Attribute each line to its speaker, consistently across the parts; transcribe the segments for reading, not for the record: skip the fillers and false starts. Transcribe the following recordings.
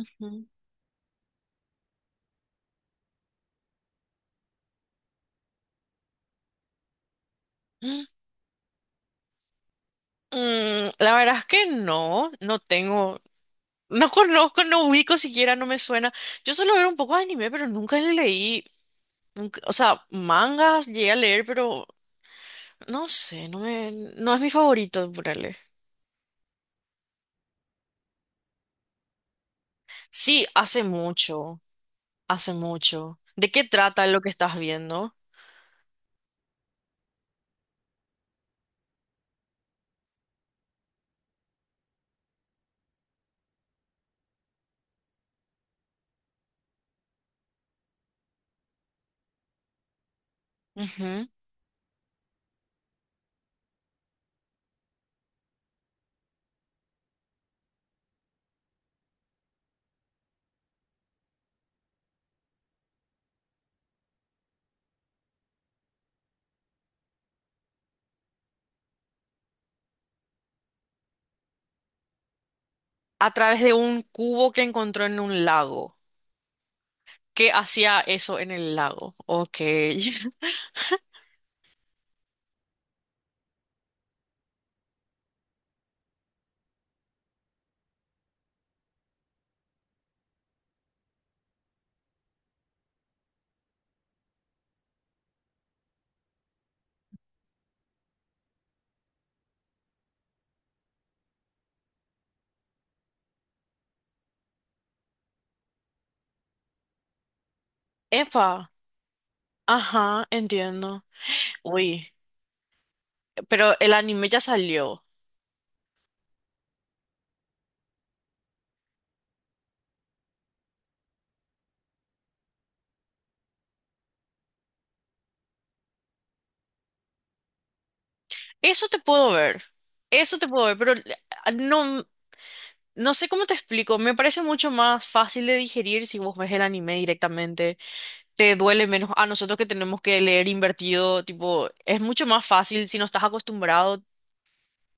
Speaker 1: Ujú. Mm, la verdad es que no, no tengo, no conozco, no ubico siquiera, no me suena. Yo solo veo un poco de anime, pero nunca le leí, o sea, mangas llegué a leer, pero no sé, no me, no es mi favorito, ponerle. Sí, hace mucho, hace mucho. ¿De qué trata lo que estás viendo? Ujú. A través de un cubo que encontró en un lago. ¿Qué hacía eso en el lago? Ok. Epa. Ajá, entiendo. Uy. Pero el anime ya salió. Eso te puedo ver. Eso te puedo ver, pero no, no sé cómo te explico. Me parece mucho más fácil de digerir si vos ves el anime directamente. Te duele menos. A nosotros que tenemos que leer invertido, tipo, es mucho más fácil si no estás acostumbrado.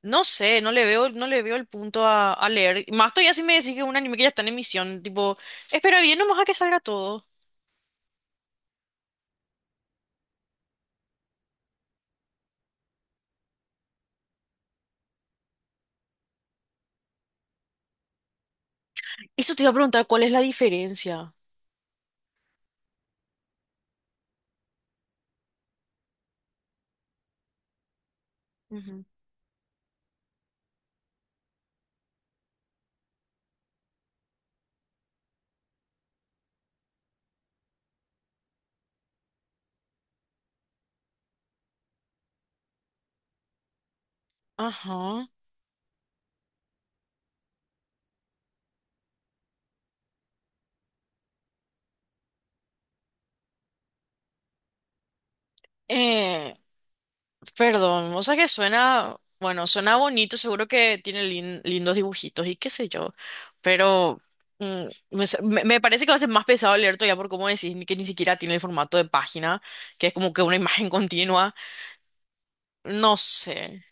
Speaker 1: No sé, no le veo, no le veo el punto a leer. Más todavía si me decís que es un anime que ya está en emisión, tipo, espera bien nomás a que salga todo. Eso te iba a preguntar, ¿cuál es la diferencia? Ujú. Ajá. Eh, Perdón, o sea que suena, bueno, suena bonito, seguro que tiene lindos dibujitos y qué sé yo, pero mm, me parece que va a ser más pesado leer todavía por cómo decís que ni siquiera tiene el formato de página, que es como que una imagen continua, no sé.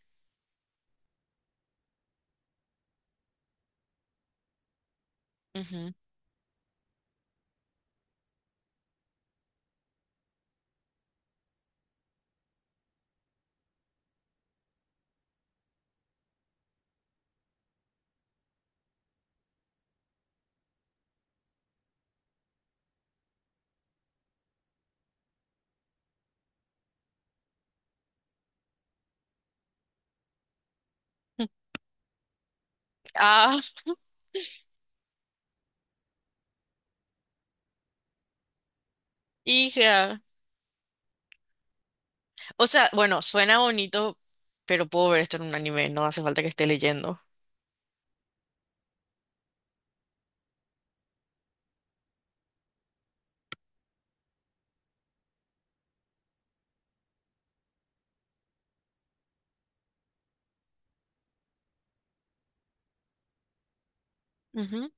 Speaker 1: Ujú. Ah, hija. O sea, bueno, suena bonito, pero puedo ver esto en un anime, no hace falta que esté leyendo. Ujú.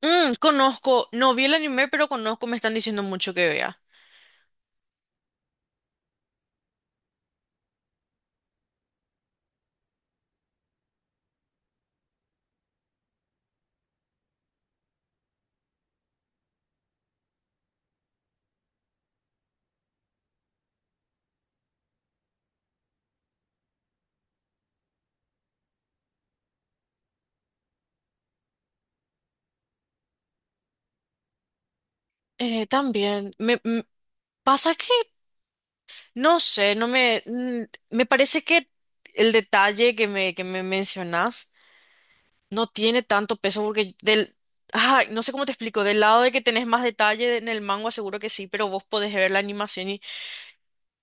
Speaker 1: Mm, conozco, no vi el anime, pero conozco, me están diciendo mucho que vea. También, pasa que, no sé, no me, me parece que el detalle que me mencionas no tiene tanto peso porque del... Ay, no sé cómo te explico. Del lado de que tenés más detalle en el manga, seguro que sí, pero vos podés ver la animación y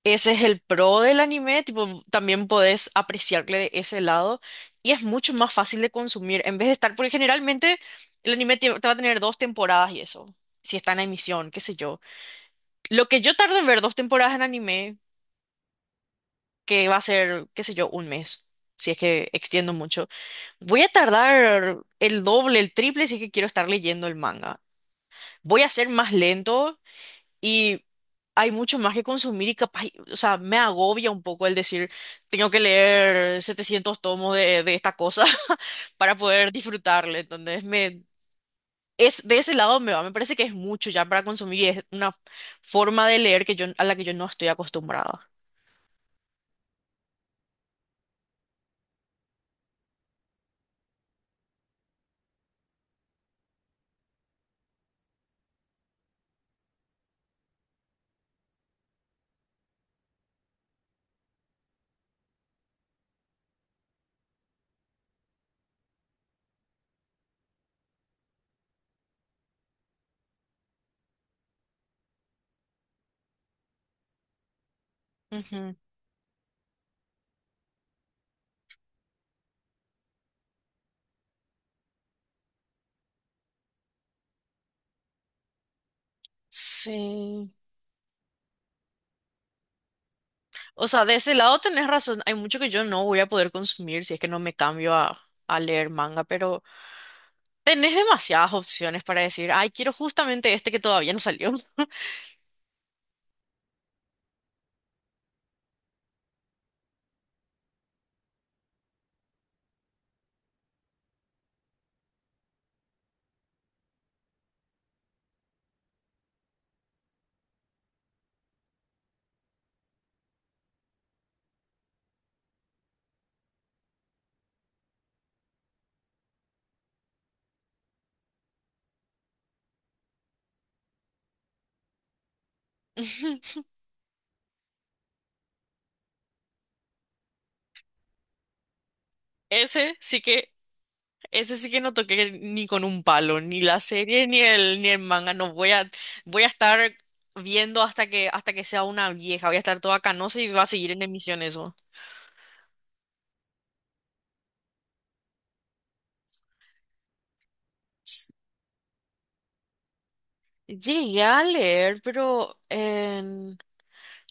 Speaker 1: ese es el pro del anime. Tipo, también podés apreciarle de ese lado y es mucho más fácil de consumir en vez de estar, porque generalmente el anime te va a tener dos temporadas y eso, si está en emisión, qué sé yo. Lo que yo tardo en ver dos temporadas en anime, que va a ser, qué sé yo, un mes, si es que extiendo mucho. Voy a tardar el doble, el triple si es que quiero estar leyendo el manga. Voy a ser más lento y hay mucho más que consumir y capaz, o sea, me agobia un poco el decir, tengo que leer 700 tomos de esta cosa para poder disfrutarle. Entonces, me, es, de ese lado me va, me parece que es mucho ya para consumir y es una forma de leer que yo, a la que yo no estoy acostumbrada. Ujú. Sí. O sea, de ese lado tenés razón. Hay mucho que yo no voy a poder consumir si es que no me cambio a, leer manga, pero tenés demasiadas opciones para decir, ay, quiero justamente este que todavía no salió. Ese sí que, ese sí que no toqué ni con un palo, ni la serie, ni el manga. No voy a, voy a estar viendo hasta que sea una vieja. Voy a estar toda canosa y va a seguir en emisión eso. Sí, llegué a leer, pero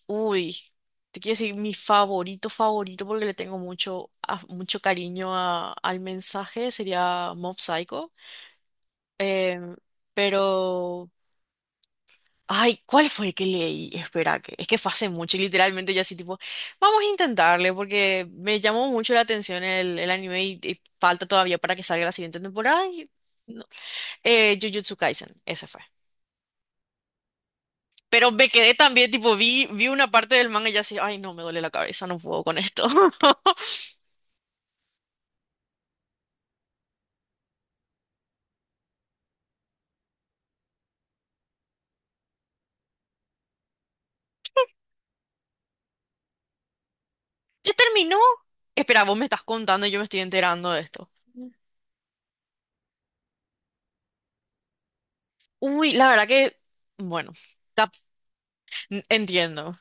Speaker 1: uy, te quiero decir mi favorito, favorito, porque le tengo mucho cariño al mensaje, sería Mob Psycho. Em, pero, ay, ¿cuál fue que leí? Espera, que es que fue hace mucho y literalmente yo así tipo, vamos a intentarle, porque me llamó mucho la atención el anime y falta todavía para que salga la siguiente temporada. Y no. Jujutsu Kaisen, ese fue. Pero me quedé también, tipo, vi una parte del manga y ya así, ay, no, me duele la cabeza, no puedo con esto. ¿Ya terminó? Espera, vos me estás contando y yo me estoy enterando de esto. Uy, la verdad que, bueno, cap- entiendo.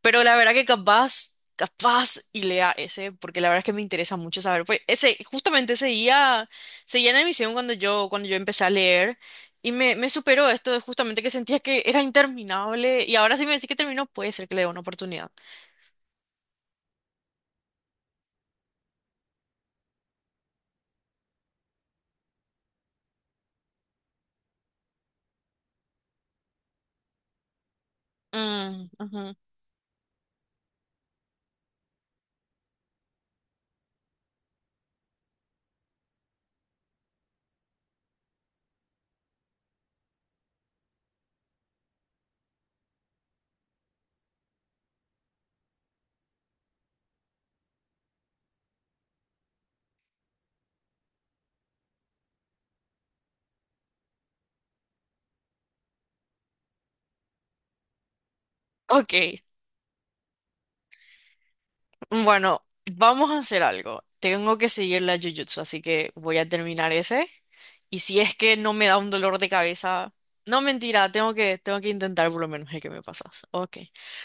Speaker 1: Pero la verdad que capaz y lea ese, porque la verdad es que me interesa mucho saber. Pues ese, justamente seguía en emisión cuando yo empecé a leer. Y me superó esto de justamente que sentía que era interminable. Y ahora sí me decís que terminó, puede ser que le dé una oportunidad. Mm, ujú. Ok. Bueno, vamos a hacer algo. Tengo que seguir la Jujutsu, así que voy a terminar ese. Y si es que no me da un dolor de cabeza, no mentira, tengo que intentar por lo menos el que me pasas. Ok.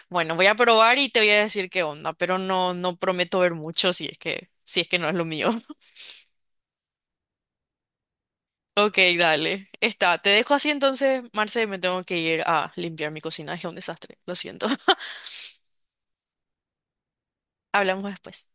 Speaker 1: Bueno, voy a probar y te voy a decir qué onda, pero no, no prometo ver mucho si es que, no es lo mío. Ok, dale. Está, te dejo así entonces, Marce, me tengo que ir a limpiar mi cocina, es un desastre. Lo siento. Hablamos después.